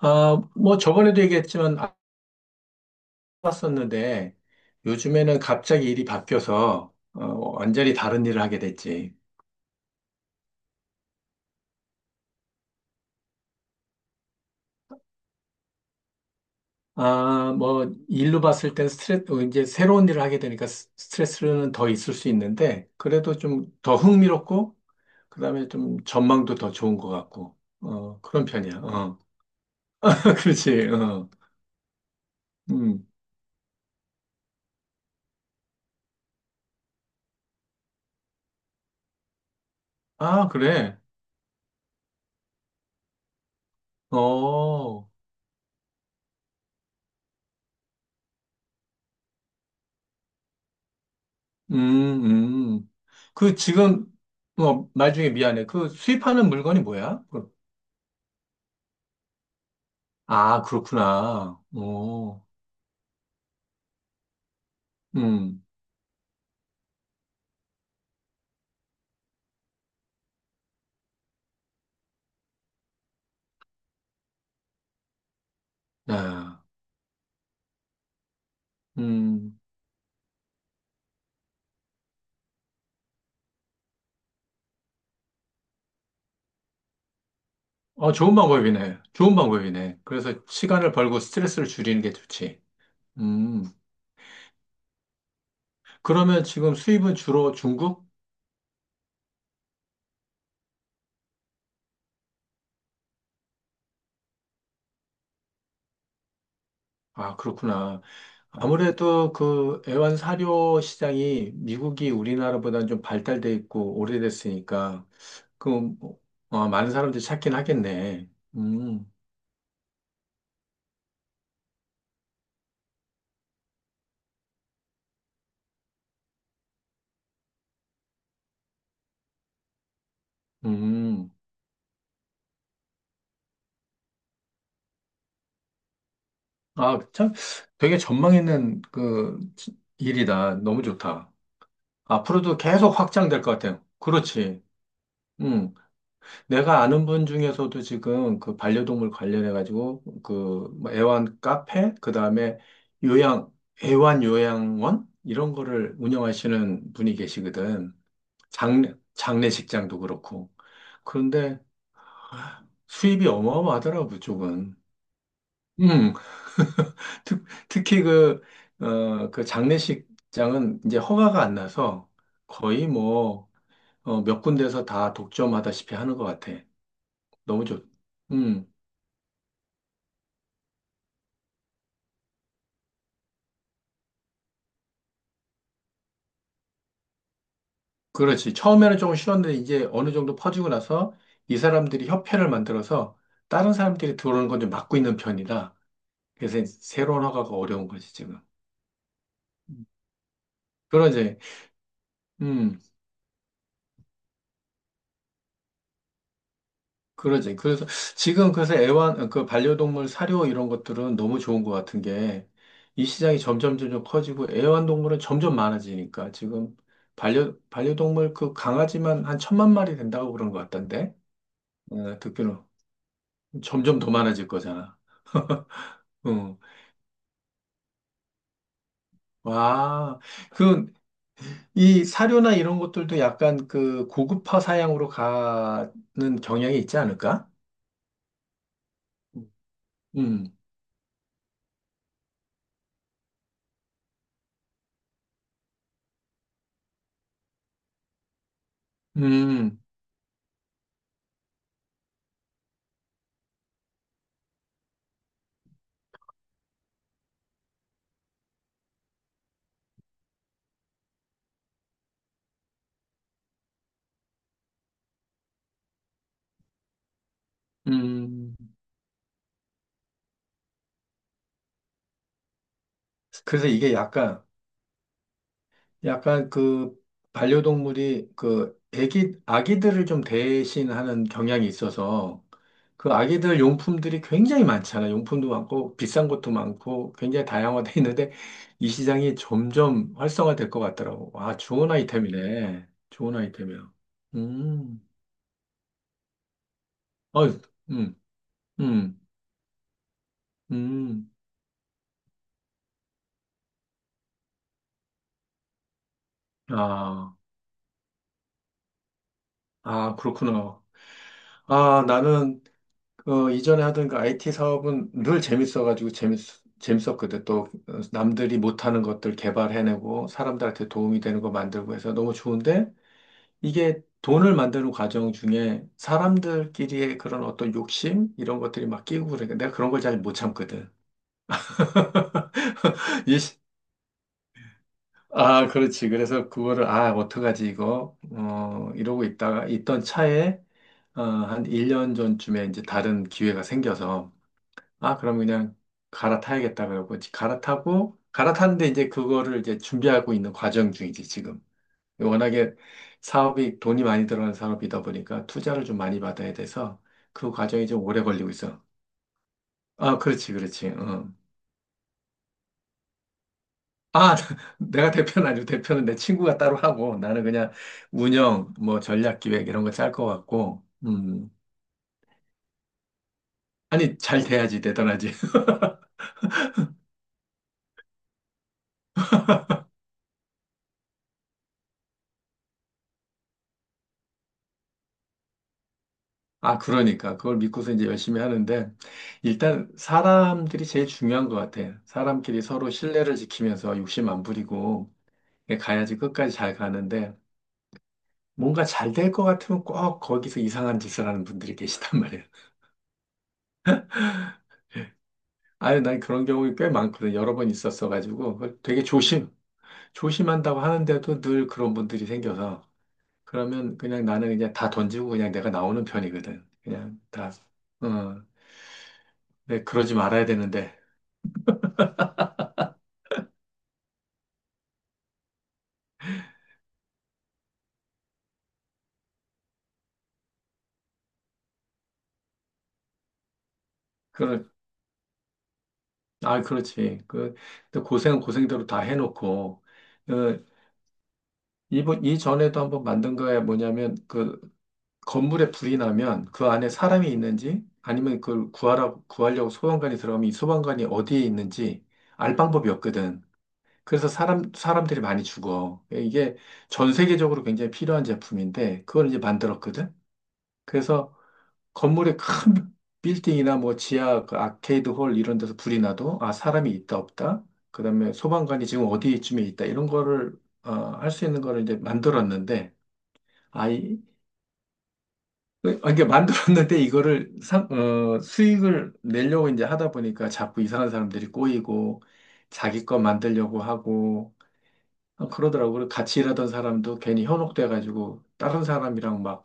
아, 뭐 저번에도 얘기했지만 알았었는데 요즘에는 갑자기 일이 바뀌어서 완전히 다른 일을 하게 됐지. 아, 뭐 일로 봤을 땐 스트레스, 이제 새로운 일을 하게 되니까 스트레스는 더 있을 수 있는데 그래도 좀 더 흥미롭고 그다음에 좀 전망도 더 좋은 것 같고 그런 편이야. 어. 그렇지. 어. 음. 아, 그래. 어. 음, 음. 그 지금 뭐 말 중에 미안해. 그 수입하는 물건이 뭐야? 아, 그렇구나. 오, 음, 야, 음. 어, 좋은 방법이네. 좋은 방법이네. 그래서 시간을 벌고 스트레스를 줄이는 게 좋지. 음. 그러면 지금 수입은 주로 중국? 아, 그렇구나. 아무래도 그 애완 사료 시장이 미국이 우리나라보다는 좀 발달돼 있고 오래됐으니까 그 뭐, 많은 사람들이 찾긴 하겠네. 음, 음. 아, 참 되게 전망 있는 그 일이다. 너무 좋다. 앞으로도 계속 확장될 것 같아요. 그렇지. 음. 내가 아는 분 중에서도 지금 그 반려동물 관련해가지고 그뭐 애완 카페, 그 다음에 요양, 애완 요양원? 이런 거를 운영하시는 분이 계시거든. 장례식장도 그렇고. 그런데 수입이 어마어마하더라고, 그쪽은. 음, 특히 그, 그 장례식장은 이제 허가가 안 나서 거의 뭐, 몇 군데서 다 독점하다시피 하는 것 같아. 너무 좋, 음. 그렇지. 처음에는 조금 쉬웠는데 이제 어느 정도 퍼지고 나서 이 사람들이 협회를 만들어서 다른 사람들이 들어오는 건 좀 막고 있는 편이다. 그래서 새로운 허가가 어려운 거지, 지금. 그러지. 음, 그러지. 그래서 지금 그래서 그 반려동물 사료 이런 것들은 너무 좋은 것 같은 게 이 시장이 점점 점점 커지고 애완동물은 점점 많아지니까 지금 반려동물 그 강아지만 한 천만 마리 된다고 그런 것 같던데. 어, 듣기로. 점점 더 많아질 거잖아. 응. 와, 그, 이 사료나 이런 것들도 약간 그 고급화 사양으로 가는 경향이 있지 않을까? 음, 음, 음. 그래서 이게 약간, 약간 그 반려동물이 그 아기들을 좀 대신하는 경향이 있어서 그 아기들 용품들이 굉장히 많잖아요. 용품도 많고 비싼 것도 많고 굉장히 다양화돼 있는데 이 시장이 점점 활성화될 것 같더라고. 아, 좋은 아이템이네. 좋은 아이템이야. 음, 어 음, 음, 음. 아, 아, 그렇구나. 아, 나는 그 이전에 하던 그 IT 사업은 늘 재밌어가지고 재밌었거든. 또 남들이 못하는 것들 개발해내고 사람들한테 도움이 되는 거 만들고 해서 너무 좋은데 이게 돈을 만드는 과정 중에 사람들끼리의 그런 어떤 욕심 이런 것들이 막 끼고 그러니까 내가 그런 걸 잘 못 참거든. 이 시- 아, 그렇지. 그래서 그거를, 아, 어떡하지, 이거. 이러고 있다가, 있던 차에, 한 1년 전쯤에 이제 다른 기회가 생겨서, 아, 그럼 그냥 갈아타야겠다 그러고 갈아타고 갈아타는데 이제 그거를 이제 준비하고 있는 과정 중이지 지금. 워낙에 사업이 돈이 많이 들어가는 사업이다 보니까 투자를 좀 많이 받아야 돼서 그 과정이 좀 오래 걸리고 있어. 아, 그렇지, 그렇지. 응. 아, 내가 대표는 아니고 대표는 내 친구가 따로 하고 나는 그냥 운영, 뭐 전략 기획 이런 거 짤 것 같고. 음. 아니, 잘 돼야지 대단하지. 아, 그러니까. 그걸 믿고서 이제 열심히 하는데, 일단 사람들이 제일 중요한 것 같아. 사람끼리 서로 신뢰를 지키면서 욕심 안 부리고, 가야지 끝까지 잘 가는데, 뭔가 잘 될 것 같으면 꼭 거기서 이상한 짓을 하는 분들이 계시단 말이야. 아유, 난 그런 경우가 꽤 많거든. 여러 번 있었어가지고, 그걸 되게 조심한다고 하는데도 늘 그런 분들이 생겨서, 그러면 그냥 나는 그냥 다 던지고 그냥 내가 나오는 편이거든. 그냥 다, 어, 네, 그러지 말아야 되는데. 아, 그렇지. 그, 근데 고생은 고생대로 다 해놓고, 어, 이전에도 한번 만든 거에 뭐냐면, 그, 건물에 불이 나면 그 안에 사람이 있는지, 아니면 그걸 구하려고 소방관이 들어가면 이 소방관이 어디에 있는지 알 방법이 없거든. 그래서 사람들이 많이 죽어. 이게 전 세계적으로 굉장히 필요한 제품인데, 그걸 이제 만들었거든. 그래서 건물의 큰 빌딩이나 뭐 지하 그 아케이드 홀 이런 데서 불이 나도 아 사람이 있다 없다 그다음에 소방관이 지금 어디쯤에 있다 이런 거를 할 수 있는 거를 이제 만들었는데 아이 그, 아, 이게 만들었는데 이거를 수익을 내려고 이제 하다 보니까 자꾸 이상한 사람들이 꼬이고 자기 거 만들려고 하고 그러더라고요. 그리고 같이 일하던 사람도 괜히 현혹돼 가지고 다른 사람이랑 막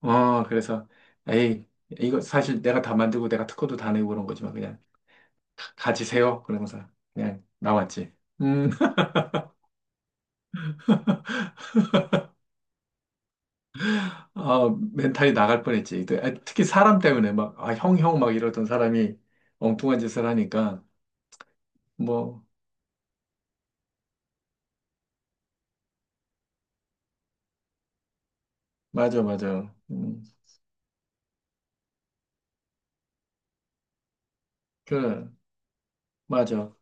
그래서, 에이, 이거 사실 내가 다 만들고 내가 특허도 다 내고 그런 거지만 그냥 가지세요. 그러면서 그냥 나왔지. 음, 멘탈이 나갈 뻔했지. 그, 아, 특히 사람 때문에 막, 아, 형 막 이러던 사람이 엉뚱한 짓을 하니까, 뭐, 맞아, 맞아. 그, 맞아.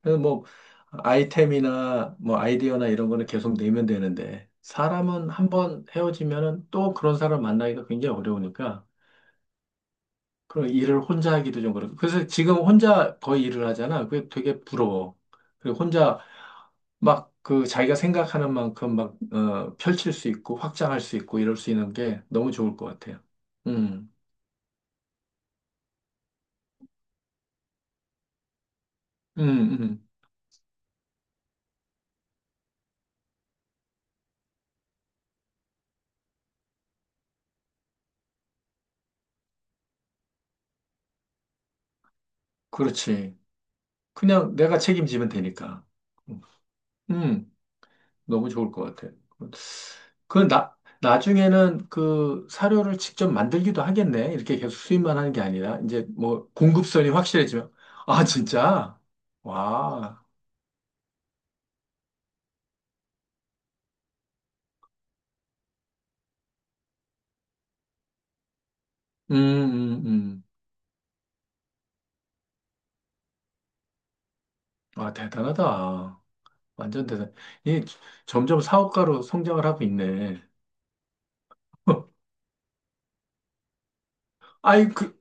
그래서 뭐, 아이템이나 뭐 아이디어나 이런 거는 계속 내면 되는데, 사람은 한번 헤어지면은 또 그런 사람 만나기가 굉장히 어려우니까, 그런 일을 혼자 하기도 좀 그렇고. 그래서 지금 혼자 거의 일을 하잖아. 그게 되게 부러워. 그리고 혼자 막 그 자기가 생각하는 만큼 막, 펼칠 수 있고 확장할 수 있고 이럴 수 있는 게 너무 좋을 것 같아요. 음, 음, 음. 그렇지. 그냥 내가 책임지면 되니까. 음, 음. 너무 좋을 것 같아요. 그 나중에는 그 사료를 직접 만들기도 하겠네. 이렇게 계속 수입만 하는 게 아니라, 이제 뭐 공급선이 확실해지면, 아, 진짜? 와, 음, 음, 음. 와, 대단하다. 완전 대단. 이 점점 사업가로 성장을 하고 있네. 아이, 그,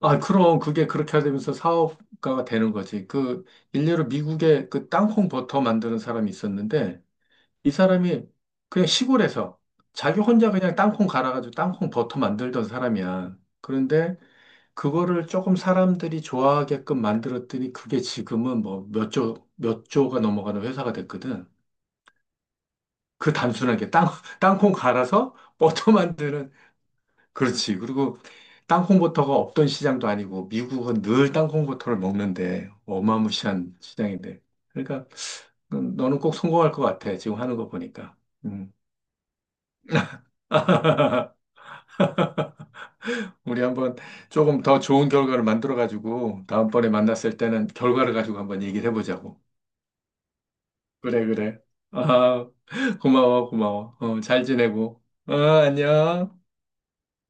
아, 그럼 그게 그렇게 되면서 사업가가 되는 거지. 그, 일례로 미국에 그 땅콩 버터 만드는 사람이 있었는데, 이 사람이 그냥 시골에서 자기 혼자 그냥 땅콩 갈아가지고 땅콩 버터 만들던 사람이야. 그런데 그거를 조금 사람들이 좋아하게끔 만들었더니 그게 지금은 뭐 몇 조, 몇 조가 넘어가는 회사가 됐거든. 그 단순하게 땅콩 갈아서 버터 만드는, 그렇지. 그리고 땅콩 버터가 없던 시장도 아니고 미국은 늘 땅콩 버터를 먹는데 어마무시한 시장인데. 그러니까 너는 꼭 성공할 것 같아. 지금 하는 거 보니까. 음. 우리 한번 조금 더 좋은 결과를 만들어가지고 다음번에 만났을 때는 결과를 가지고 한번 얘기를 해보자고. 그래, 그래. 아, 고마워, 고마워. 어, 잘 지내고. 어, 안녕.